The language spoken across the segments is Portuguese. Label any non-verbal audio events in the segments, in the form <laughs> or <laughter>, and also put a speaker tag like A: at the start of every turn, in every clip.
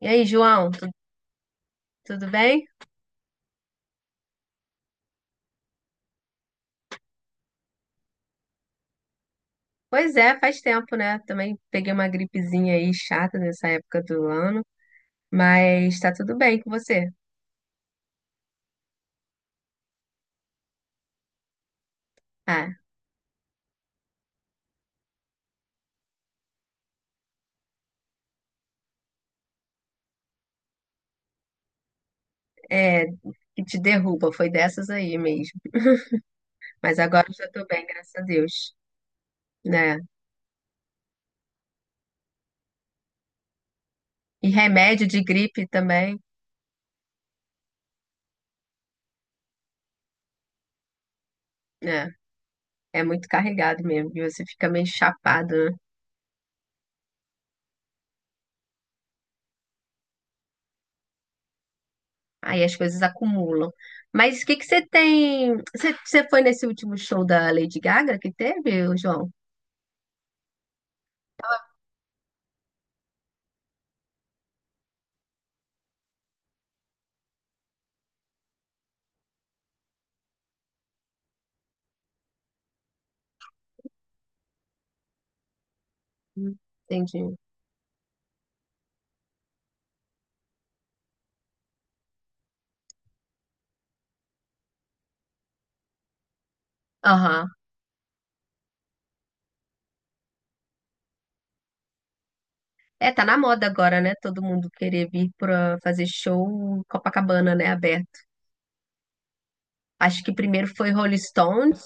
A: E aí, João, tudo bem? Pois é, faz tempo, né? Também peguei uma gripezinha aí chata nessa época do ano, mas tá tudo bem com você. Ah, é, que te derruba, foi dessas aí mesmo. Mas agora eu já tô bem, graças a Deus, né? E remédio de gripe também, né? É muito carregado mesmo, e você fica meio chapado, né? Aí as coisas acumulam. Mas o que que você tem? Você foi nesse último show da Lady Gaga que teve, João? Hum. Entendi. Aham. É, tá na moda agora, né? Todo mundo querer vir pra fazer show em Copacabana, né? Aberto. Acho que primeiro foi Rolling Stones,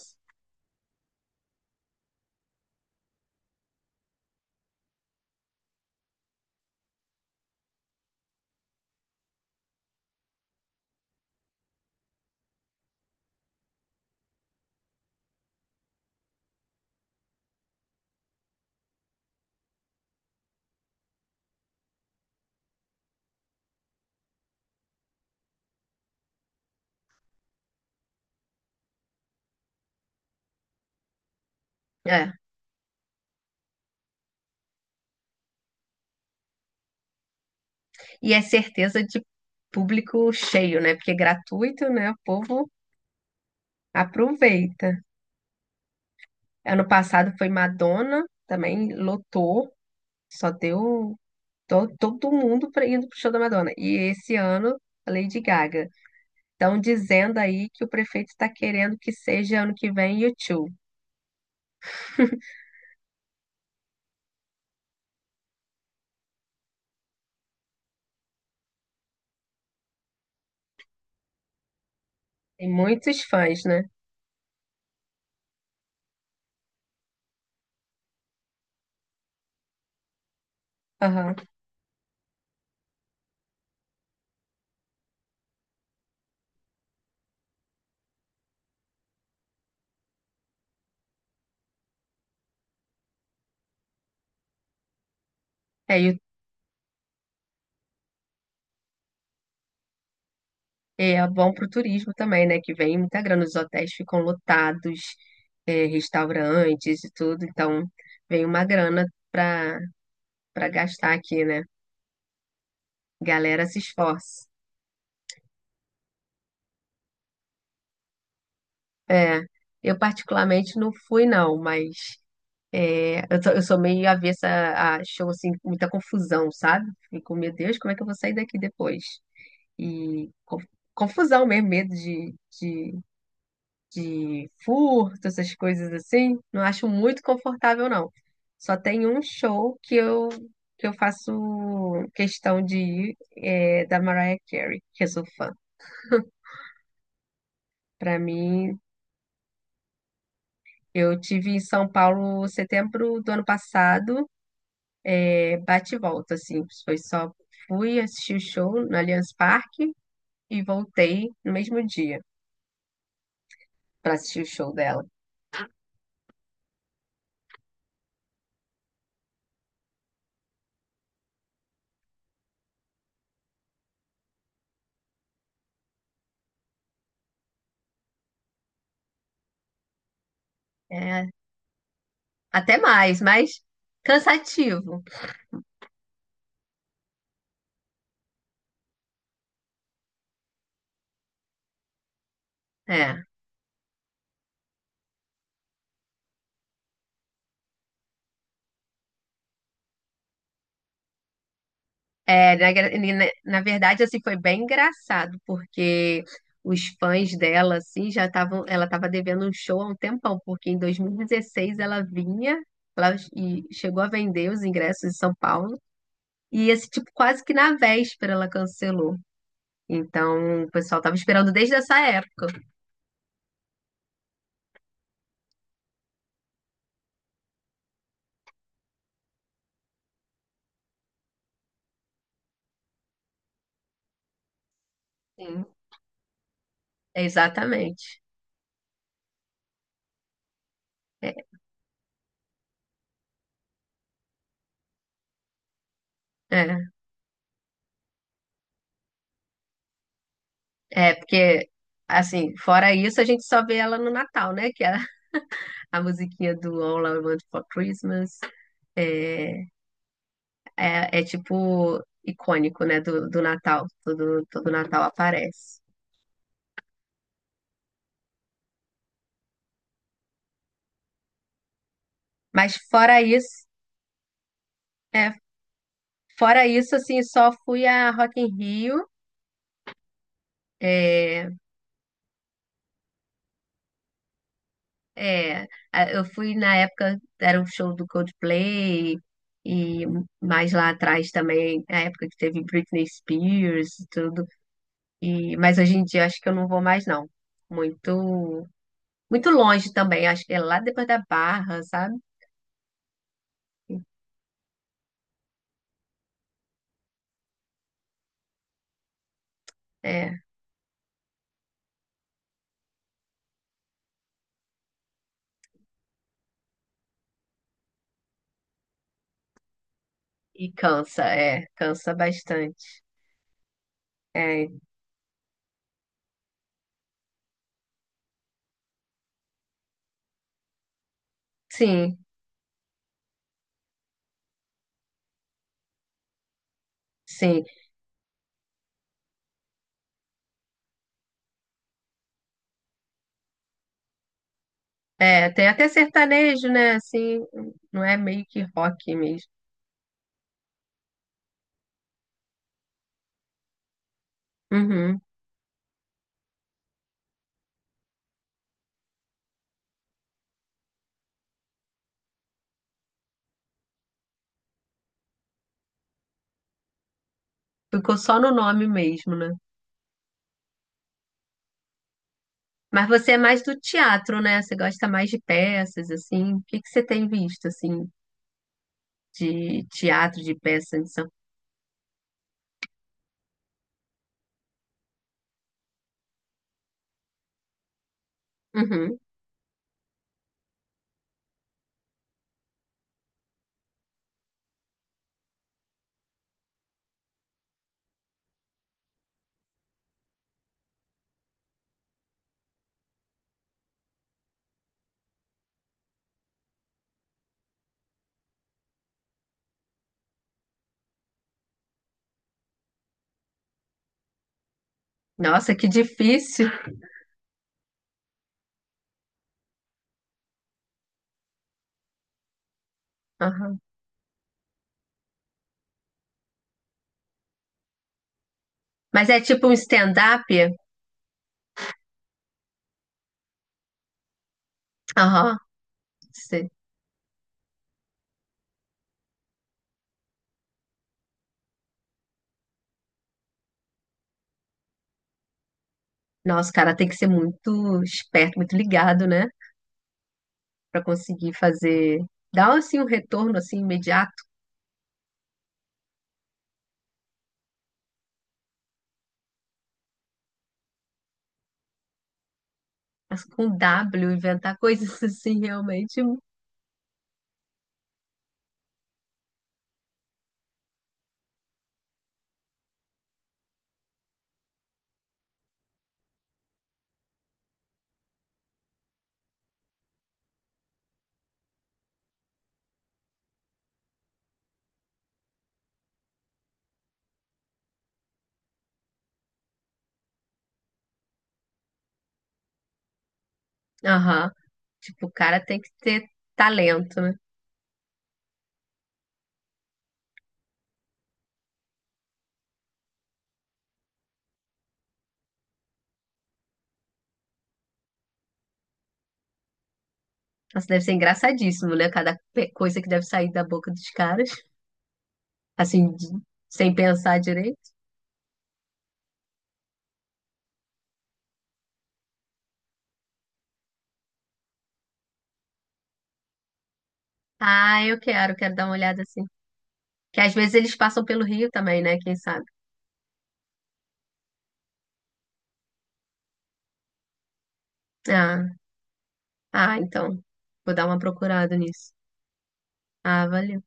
A: é. E é certeza de público cheio, né? Porque é gratuito, né? O povo aproveita. Ano passado foi Madonna, também lotou, só deu todo mundo indo pro show da Madonna. E esse ano, a Lady Gaga. Estão dizendo aí que o prefeito está querendo que seja ano que vem YouTube. Tem muitos fãs, né? Aham. É. É é bom para o turismo também, né? Que vem muita grana, os hotéis ficam lotados, é, restaurantes e tudo, então vem uma grana para para gastar aqui, né? Galera se esforça. É, eu particularmente não fui não, mas é, eu, eu sou meio avessa a show assim, com muita confusão, sabe? Fico, meu Deus, como é que eu vou sair daqui depois? E confusão mesmo, medo de de furto, essas coisas assim, não acho muito confortável, não. Só tem um show que eu faço questão de ir, é, da Mariah Carey, que eu sou fã. Para mim, eu tive em São Paulo setembro do ano passado, é, bate e volta, assim, foi só fui assistir o show no Allianz Parque e voltei no mesmo dia para assistir o show dela. É, até mais, mas cansativo. É. É, na, gra- e na- na verdade, assim, foi bem engraçado, porque os fãs dela, assim, já estavam, ela estava devendo um show há um tempão, porque em 2016 ela vinha, ela chegou a vender os ingressos em São Paulo, e esse tipo, quase que na véspera ela cancelou. Então, o pessoal estava esperando desde essa época. Sim, exatamente. É, é, porque, assim, fora isso, a gente só vê ela no Natal, né? Que é a musiquinha do All I Want for Christmas. É. É, é tipo icônico, né? Do, do Natal. Todo, todo Natal aparece. Mas fora isso, é, fora isso, assim, só fui a Rock in Rio. É, é, eu fui na época, era o show do Coldplay, e mais lá atrás também, a época que teve Britney Spears e tudo. E, mas hoje em dia acho que eu não vou mais, não. Muito, muito longe também, acho que é lá depois da Barra, sabe? É. E cansa, é, cansa bastante. É, sim, sim. É, tem até sertanejo, né? Assim, não é meio que rock mesmo. Uhum. Ficou só no nome mesmo, né? Mas você é mais do teatro, né? Você gosta mais de peças, assim. O que que você tem visto, assim, de teatro, de peça em São... Uhum. Nossa, que difícil. Aham. Mas é tipo um stand-up? Aham. Sei. Nossa, o cara tem que ser muito esperto, muito ligado, né? Para conseguir fazer, dar assim um retorno assim imediato, mas com W inventar <laughs> coisas assim realmente. Aham. Tipo, o cara tem que ter talento, né? Nossa, deve ser engraçadíssimo, né? Cada coisa que deve sair da boca dos caras, assim, sem pensar direito. Ah, quero dar uma olhada assim. Que às vezes eles passam pelo Rio também, né? Quem sabe? Ah, então. Vou dar uma procurada nisso. Ah, valeu.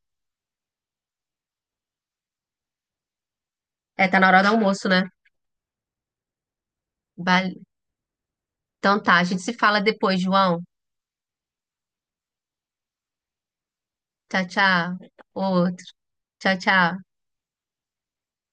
A: É, tá na hora do almoço, né? Vale. Então tá, a gente se fala depois, João. Tchau, tchau. Outro. Tchau, tchau.